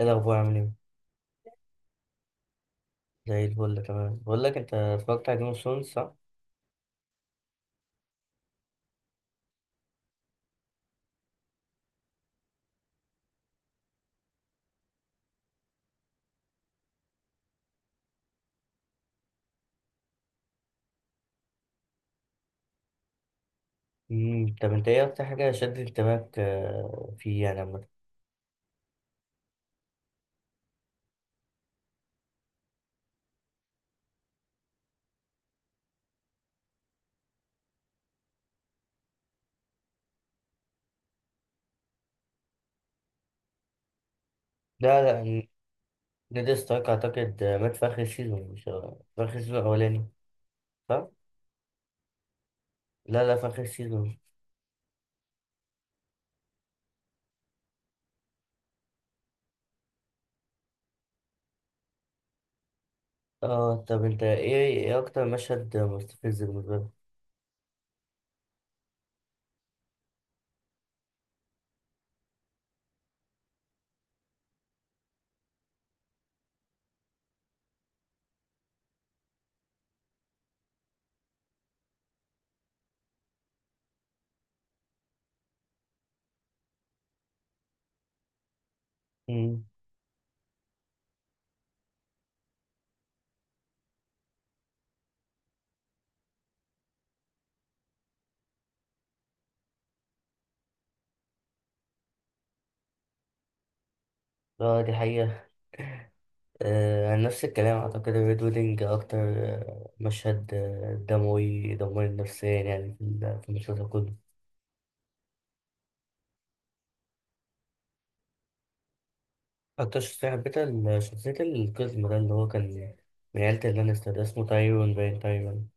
ايه الاخبار، عامل ايه؟ زي الفل، تمام. بقول لك، انت اتفرجت على جيم اوف ثرونز صح؟ طب انت ايه اكتر حاجه شدت انتباهك، فيه يعني عامه؟ لا لا، نيد ستارك اعتقد مات في اخر السيزون، مش في اخر السيزون الاولاني صح؟ لا لا، في اخر السيزون. اه، طب انت، ايه اكتر مشهد مستفز بالنسبه لك؟ امم. اه، دي حقيقه. آه، عن نفس الكلام اعتقد الريد ويدنج اكتر مشهد دموي، دموي نفسيا يعني في في المسلسل كله. أكتر شخصية حبيتها شخصية القزم ده، اللي هو كان من عيلة اللانستر، ده اسمه تايرون باين، تايرون.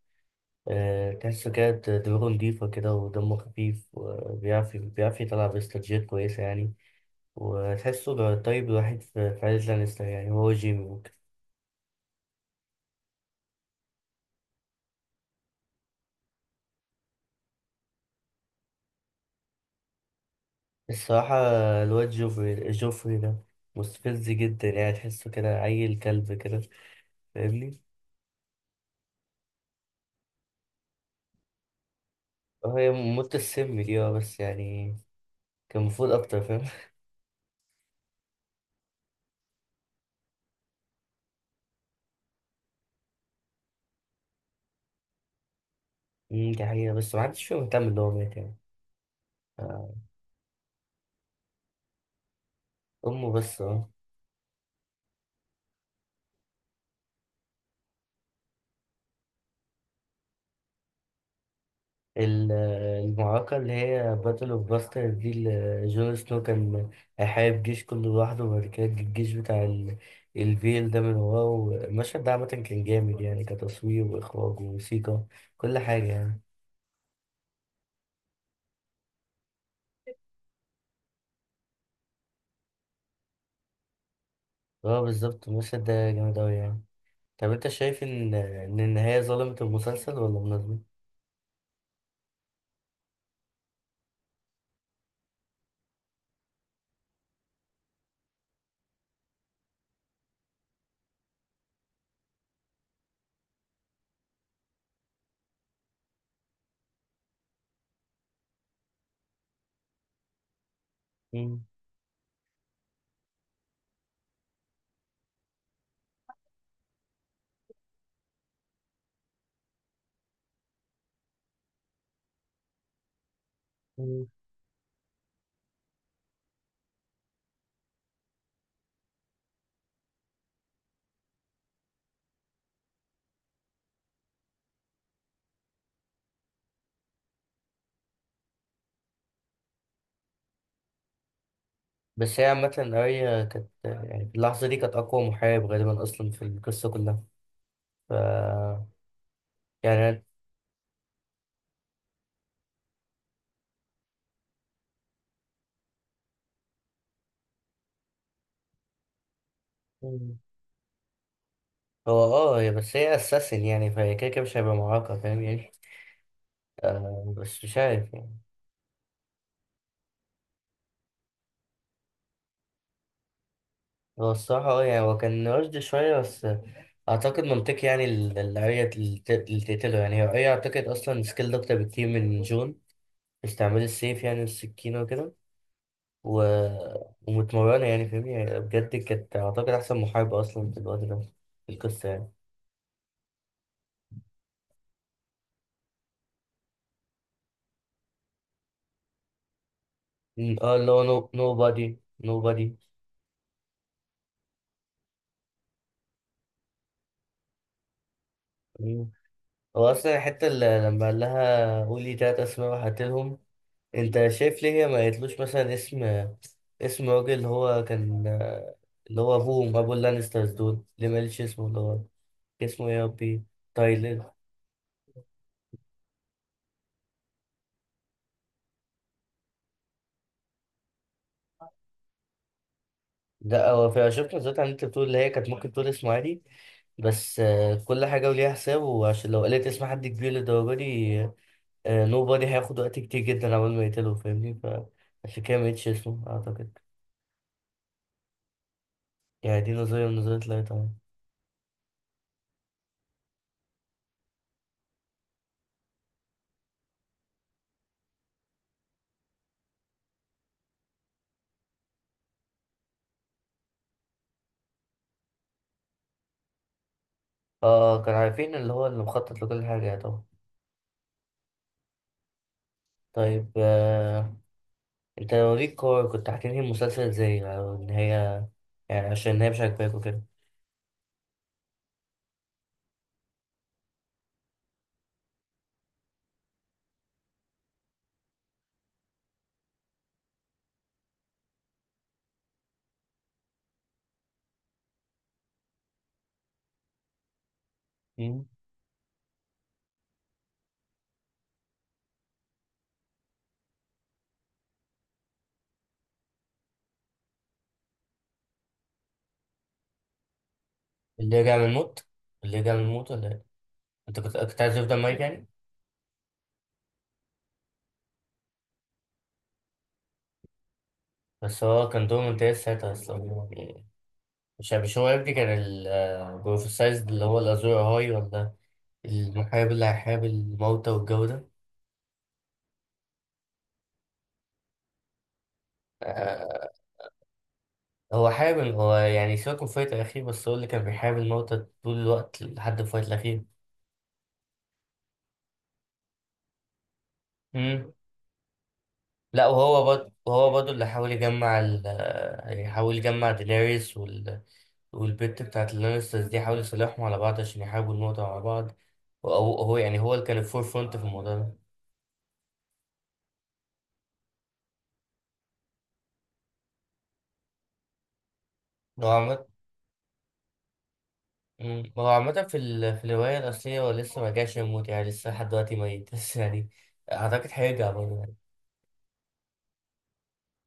أه، تحسه كده دماغه نضيفة كده، ودمه خفيف، وبيعرف يطلع باستراتيجيات كويسة يعني. وتحسه ده الطيب الوحيد في عيلة لانستر، يعني هو جيمي ممكن. الصراحة، الواد جوفري، ده مستفز جدا، يعني تحسه كده عيل كلب كده، فاهمني؟ هي موت السم دي اه، بس يعني كان المفروض أكتر، فاهم. دي حقيقة، بس محدش فيهم مهتم اللي هو مات يعني. أمه بس، اه. ال- المعركة اللي هي باتل اوف باستر دي، اللي جون سنو كان هيحارب جيش كله لوحده، وبعد كده جه الجيش بتاع الفيل ده من وراه، المشهد ده عامة كان جامد يعني، كتصوير وإخراج وموسيقى، كل حاجة يعني. اه بالظبط، المشهد ده جامد أوي يعني. طب أنت شايف إن النهاية ظلمت المسلسل ولا مناسبة؟ مم. مم. بس هي عامة، أريا كانت يعني في اللحظة دي كانت أقوى محارب غالبا أصلا في القصة كلها. ف يعني هو اه هي، بس هي اساسن يعني، فهي كده كده مش هيبقى معاقة فاهم يعني. آه بس مش عارف يعني. هو الصراحة اه، يعني هو كان رشد شوية، بس اعتقد منطقي، يعني الاريا اللي اللي تقتله. يعني هي اريا اعتقد اصلا سكيل اكتر بكتير من جون في استعمال السيف يعني والسكينة وكده. و... ومتمرنة يعني، فاهم يعني، بجد كانت اعتقد احسن محاربة اصلا في الوقت ده في القصة يعني. اه، اللي هو نو بادي، نو بادي. هو اصلا الحتة اللي لما قال لها قولي تلات اسماء وهقتلهم، انت شايف ليه هي ما قالتلوش مثلا اسم، راجل اللي هو كان، اللي هو ابوهم، ابو اللانسترز دول، ليه ما قالتش اسمه، اللي هو اسمه ايه يا ربي؟ تايلر. لا هو في، شفت نزلت، عن انت بتقول اللي هي كانت ممكن تقول اسمه عادي، بس كل حاجه وليها حساب، وعشان لو قالت اسم حد كبير للدرجه دي، نو بادي هياخد وقت كتير جدا عبال ما يقتله فاهمني؟ فعشان كده ما قالتش اسمه اعتقد. يعني دي نظريه من نظريات، لا طبعا. اه، كانوا عارفين اللي هو اللي مخطط لكل حاجه، يعني طبعا. طيب، انت لو ليك كور، كنت هتنهي المسلسل ازاي، او ان هي، يعني عشان هي مش عاجباك وكده. مم. اللي يرجع من الموت، ولا ايه؟ انت كنت عايز يفضل ميت يعني؟ بس هو كان دوره ممتاز ساعتها اصلا يعني. مش هو ابني كان البروفيسايز، اللي هو الازور هاي، ولا المحارب اللي هيحارب الموتى والجو ده؟ آه، هو حارب، هو يعني سيبك من الفايت الاخير، بس هو اللي كان بيحارب الموتى طول الوقت لحد الفايت الاخير. لا وهو برضه، اللي حاول يجمع ال يحاول يجمع دينيريس والبت بتاعت اللانسترز دي، حاول يصالحهم على بعض عشان يحاربوا الموضوع مع بعض. وهو يعني هو اللي كان الفور فرونت في الموضوع ده. هو عامة. هو عامة في في الرواية الأصلية، هو لسه ما جاش يموت يعني، لسه لحد دلوقتي ميت، بس يعني أعتقد هيرجع برضه يعني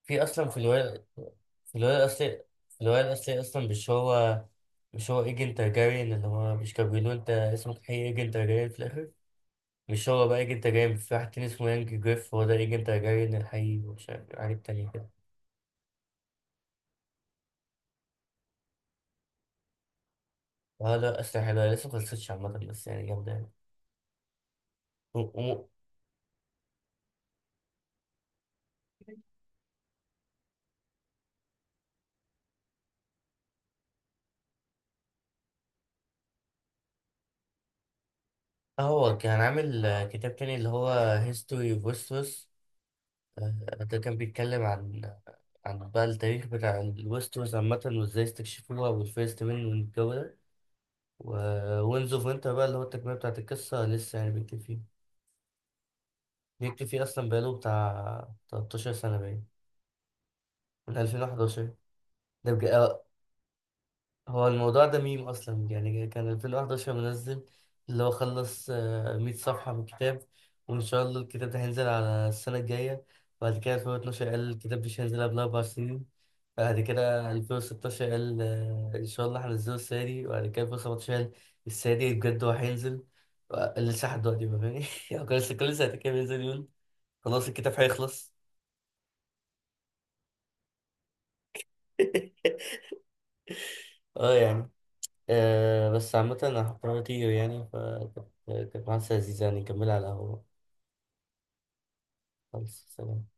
في، أصلا في الرواية. في الرواية الأصلية في الرواية الأصلية أصلا مش هو إيجن تارجاريان، اللي هو مش كان بيقولوا أنت اسمك حقيقي إيجن تارجاريان في الآخر؟ مش هو بقى ايجنت جاي، في واحد تاني اسمه يانج جريف، هو ده ايجنت جاي من الحقيقي، ومش عارف عليه التاني كده. اه لا، اسلحة حلوة، لسه مخلصتش عامة، بس يعني جامدة يعني. و- و- هو كان عامل كتاب تاني اللي هو هيستوري اوف ويستروس، ده كان بيتكلم عن بقى التاريخ بتاع الويستروس عامة، وازاي استكشفوها، والفيرست مان والجو ده. ووينز اوف وينتر بقى، اللي هو التكملة بتاعت القصة، لسه يعني بيكتب فيه، أصلا بقاله بتاع 13 سنة باين، من 2011. ده بجد؟ هو الموضوع ده ميم اصلا، يعني كان 2011 منزل اللي هو خلص 100 صفحة من الكتاب، وان شاء الله الكتاب ده هينزل على السنة الجاية. بعد كده 2012 قال الكتاب مش هينزل قبل 4 سنين. بعد كده 2016 قال، ان شاء الله هنزله السنة دي. وبعد كده 2017 قال السنة دي بجد هو هينزل. لسه لحد دلوقتي، ما فاهمني. هو كان لسه كل سنتين كده بينزل يقول خلاص الكتاب هيخلص. اه يعني، آه بس عامة، أنا هضطر أطير يعني. كانت محادثة لذيذة، يعني نكملها على القهوة. خلاص، سلام.